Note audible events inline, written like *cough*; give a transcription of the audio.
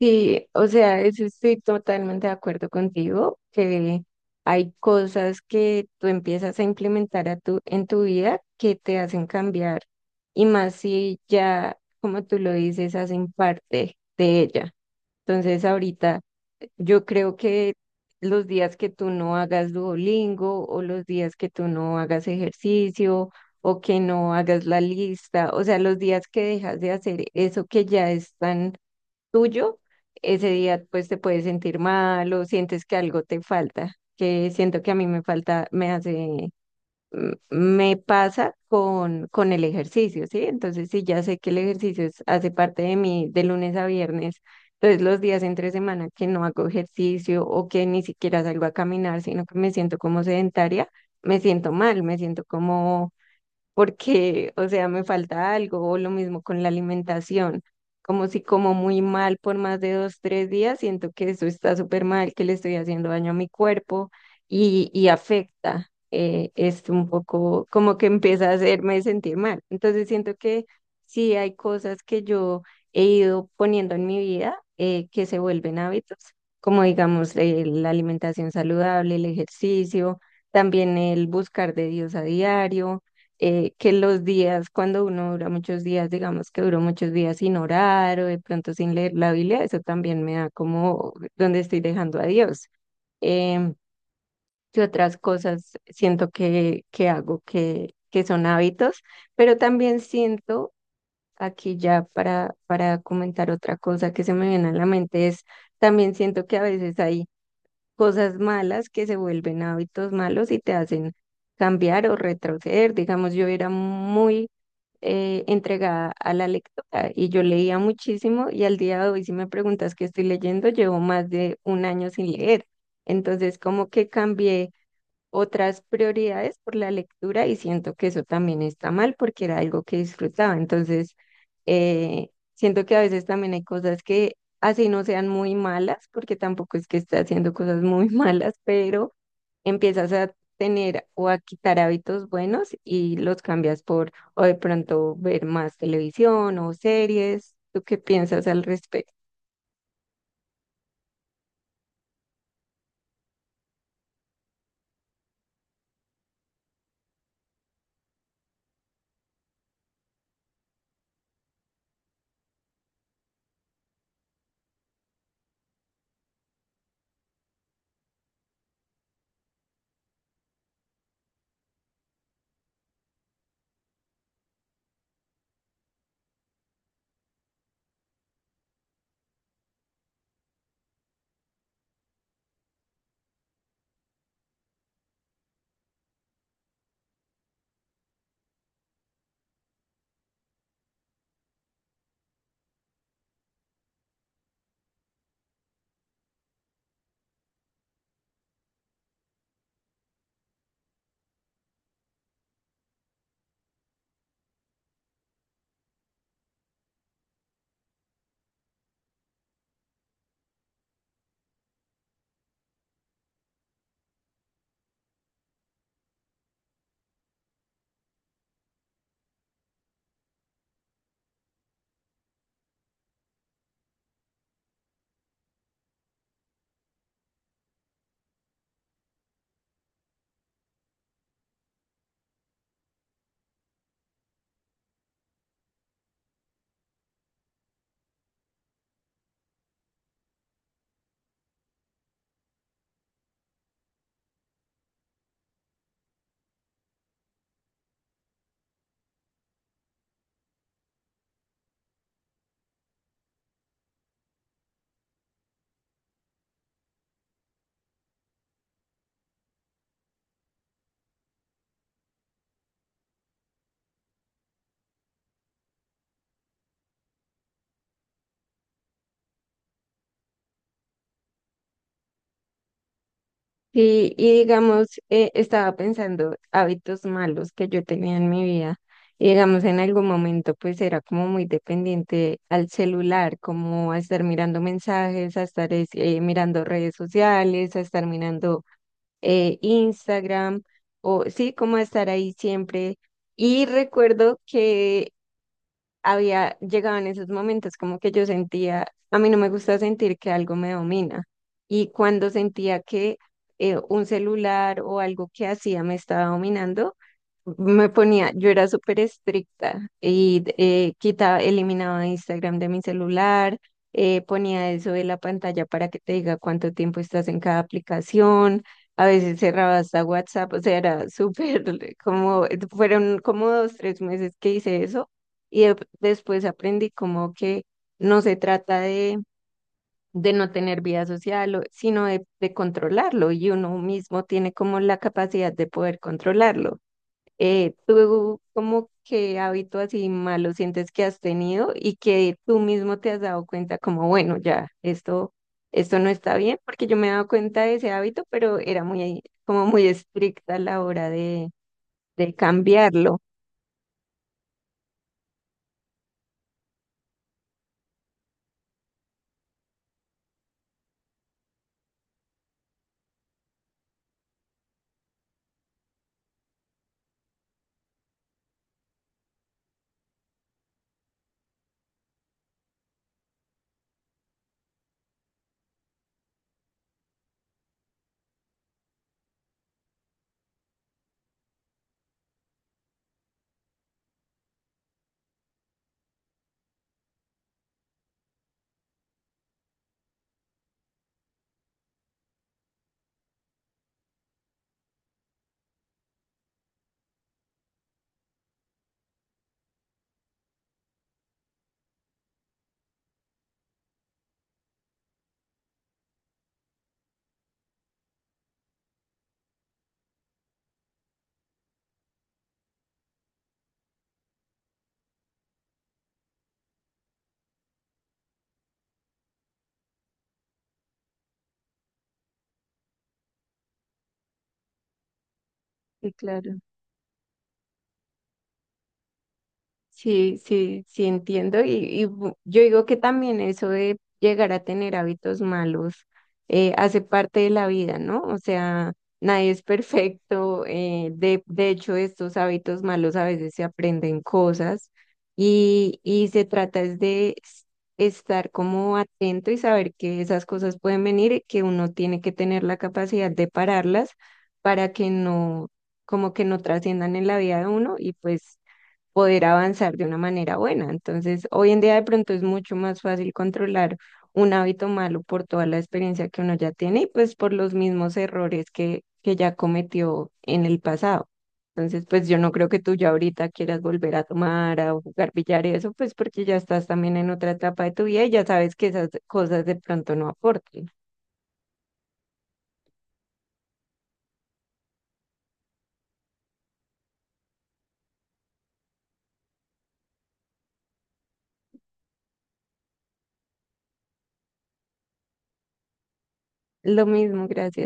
Sí, o sea, eso estoy totalmente de acuerdo contigo, que hay cosas que tú empiezas a implementar en tu vida que te hacen cambiar, y más si ya, como tú lo dices, hacen parte de ella. Entonces, ahorita yo creo que los días que tú no hagas Duolingo o los días que tú no hagas ejercicio o que no hagas la lista, o sea, los días que dejas de hacer eso que ya están tuyo, ese día pues te puedes sentir mal o sientes que algo te falta, que siento que a mí me falta, me hace, me pasa con el ejercicio, ¿sí? Entonces, si ya sé que el ejercicio hace parte de mí de lunes a viernes, entonces los días entre semana que no hago ejercicio o que ni siquiera salgo a caminar, sino que me siento como sedentaria, me siento mal, me siento como porque, o sea, me falta algo, o lo mismo con la alimentación, como si como muy mal por más de dos, tres días, siento que eso está súper mal, que le estoy haciendo daño a mi cuerpo y afecta, es un poco como que empieza a hacerme sentir mal. Entonces siento que sí hay cosas que yo he ido poniendo en mi vida que se vuelven hábitos, como digamos la alimentación saludable, el ejercicio, también el buscar de Dios a diario que los días, cuando uno dura muchos días, digamos que duró muchos días sin orar o de pronto sin leer la Biblia, eso también me da como donde estoy dejando a Dios. Em, ¿Qué otras cosas siento que hago que son hábitos? Pero también siento, aquí ya para comentar otra cosa que se me viene a la mente, es también siento que a veces hay cosas malas que se vuelven hábitos malos y te hacen cambiar o retroceder. Digamos, yo era muy entregada a la lectura y yo leía muchísimo y al día de hoy si me preguntas qué estoy leyendo, llevo más de un año sin leer. Entonces como que cambié otras prioridades por la lectura y siento que eso también está mal porque era algo que disfrutaba. Entonces eh, siento que a veces también hay cosas que así no sean muy malas porque tampoco es que esté haciendo cosas muy *laughs* malas, pero empiezas a tener o a quitar hábitos buenos y los cambias por o de pronto ver más televisión o series. ¿Tú qué piensas al respecto? Sí, y digamos, estaba pensando hábitos malos que yo tenía en mi vida. Y digamos, en algún momento pues era como muy dependiente al celular, como a estar mirando mensajes, a estar mirando redes sociales, a estar mirando Instagram, o sí, como estar ahí siempre. Y recuerdo que había llegado en esos momentos como que yo sentía, a mí no me gusta sentir que algo me domina. Y cuando sentía que un celular o algo que hacía me estaba dominando, me ponía, yo era súper estricta y quitaba, eliminaba Instagram de mi celular, ponía eso de la pantalla para que te diga cuánto tiempo estás en cada aplicación, a veces cerraba hasta WhatsApp, o sea, era súper *laughs* como, fueron como dos, tres meses que hice eso y después aprendí como que no se trata de no tener vida social, sino de controlarlo y uno mismo tiene como la capacidad de poder controlarlo. ¿Tú como que hábito así malo sientes que has tenido y que tú mismo te has dado cuenta como, bueno, ya, esto no está bien? Porque yo me he dado cuenta de ese hábito, pero era muy, como muy estricta a la hora de cambiarlo. Sí, claro. Sí, sí, sí entiendo. Y yo digo que también eso de llegar a tener hábitos malos hace parte de la vida, ¿no? O sea, nadie es perfecto. De hecho, estos hábitos malos a veces se aprenden cosas y se trata es de estar como atento y saber que esas cosas pueden venir y que uno tiene que tener la capacidad de pararlas para que no, como que no trasciendan en la vida de uno y pues poder avanzar de una manera buena. Entonces, hoy en día de pronto es mucho más fácil controlar un hábito malo por toda la experiencia que uno ya tiene y pues por los mismos errores que ya cometió en el pasado. Entonces, pues yo no creo que tú ya ahorita quieras volver a tomar, a jugar billar y eso, pues porque ya estás también en otra etapa de tu vida y ya sabes que esas cosas de pronto no aportan. Lo mismo, gracias.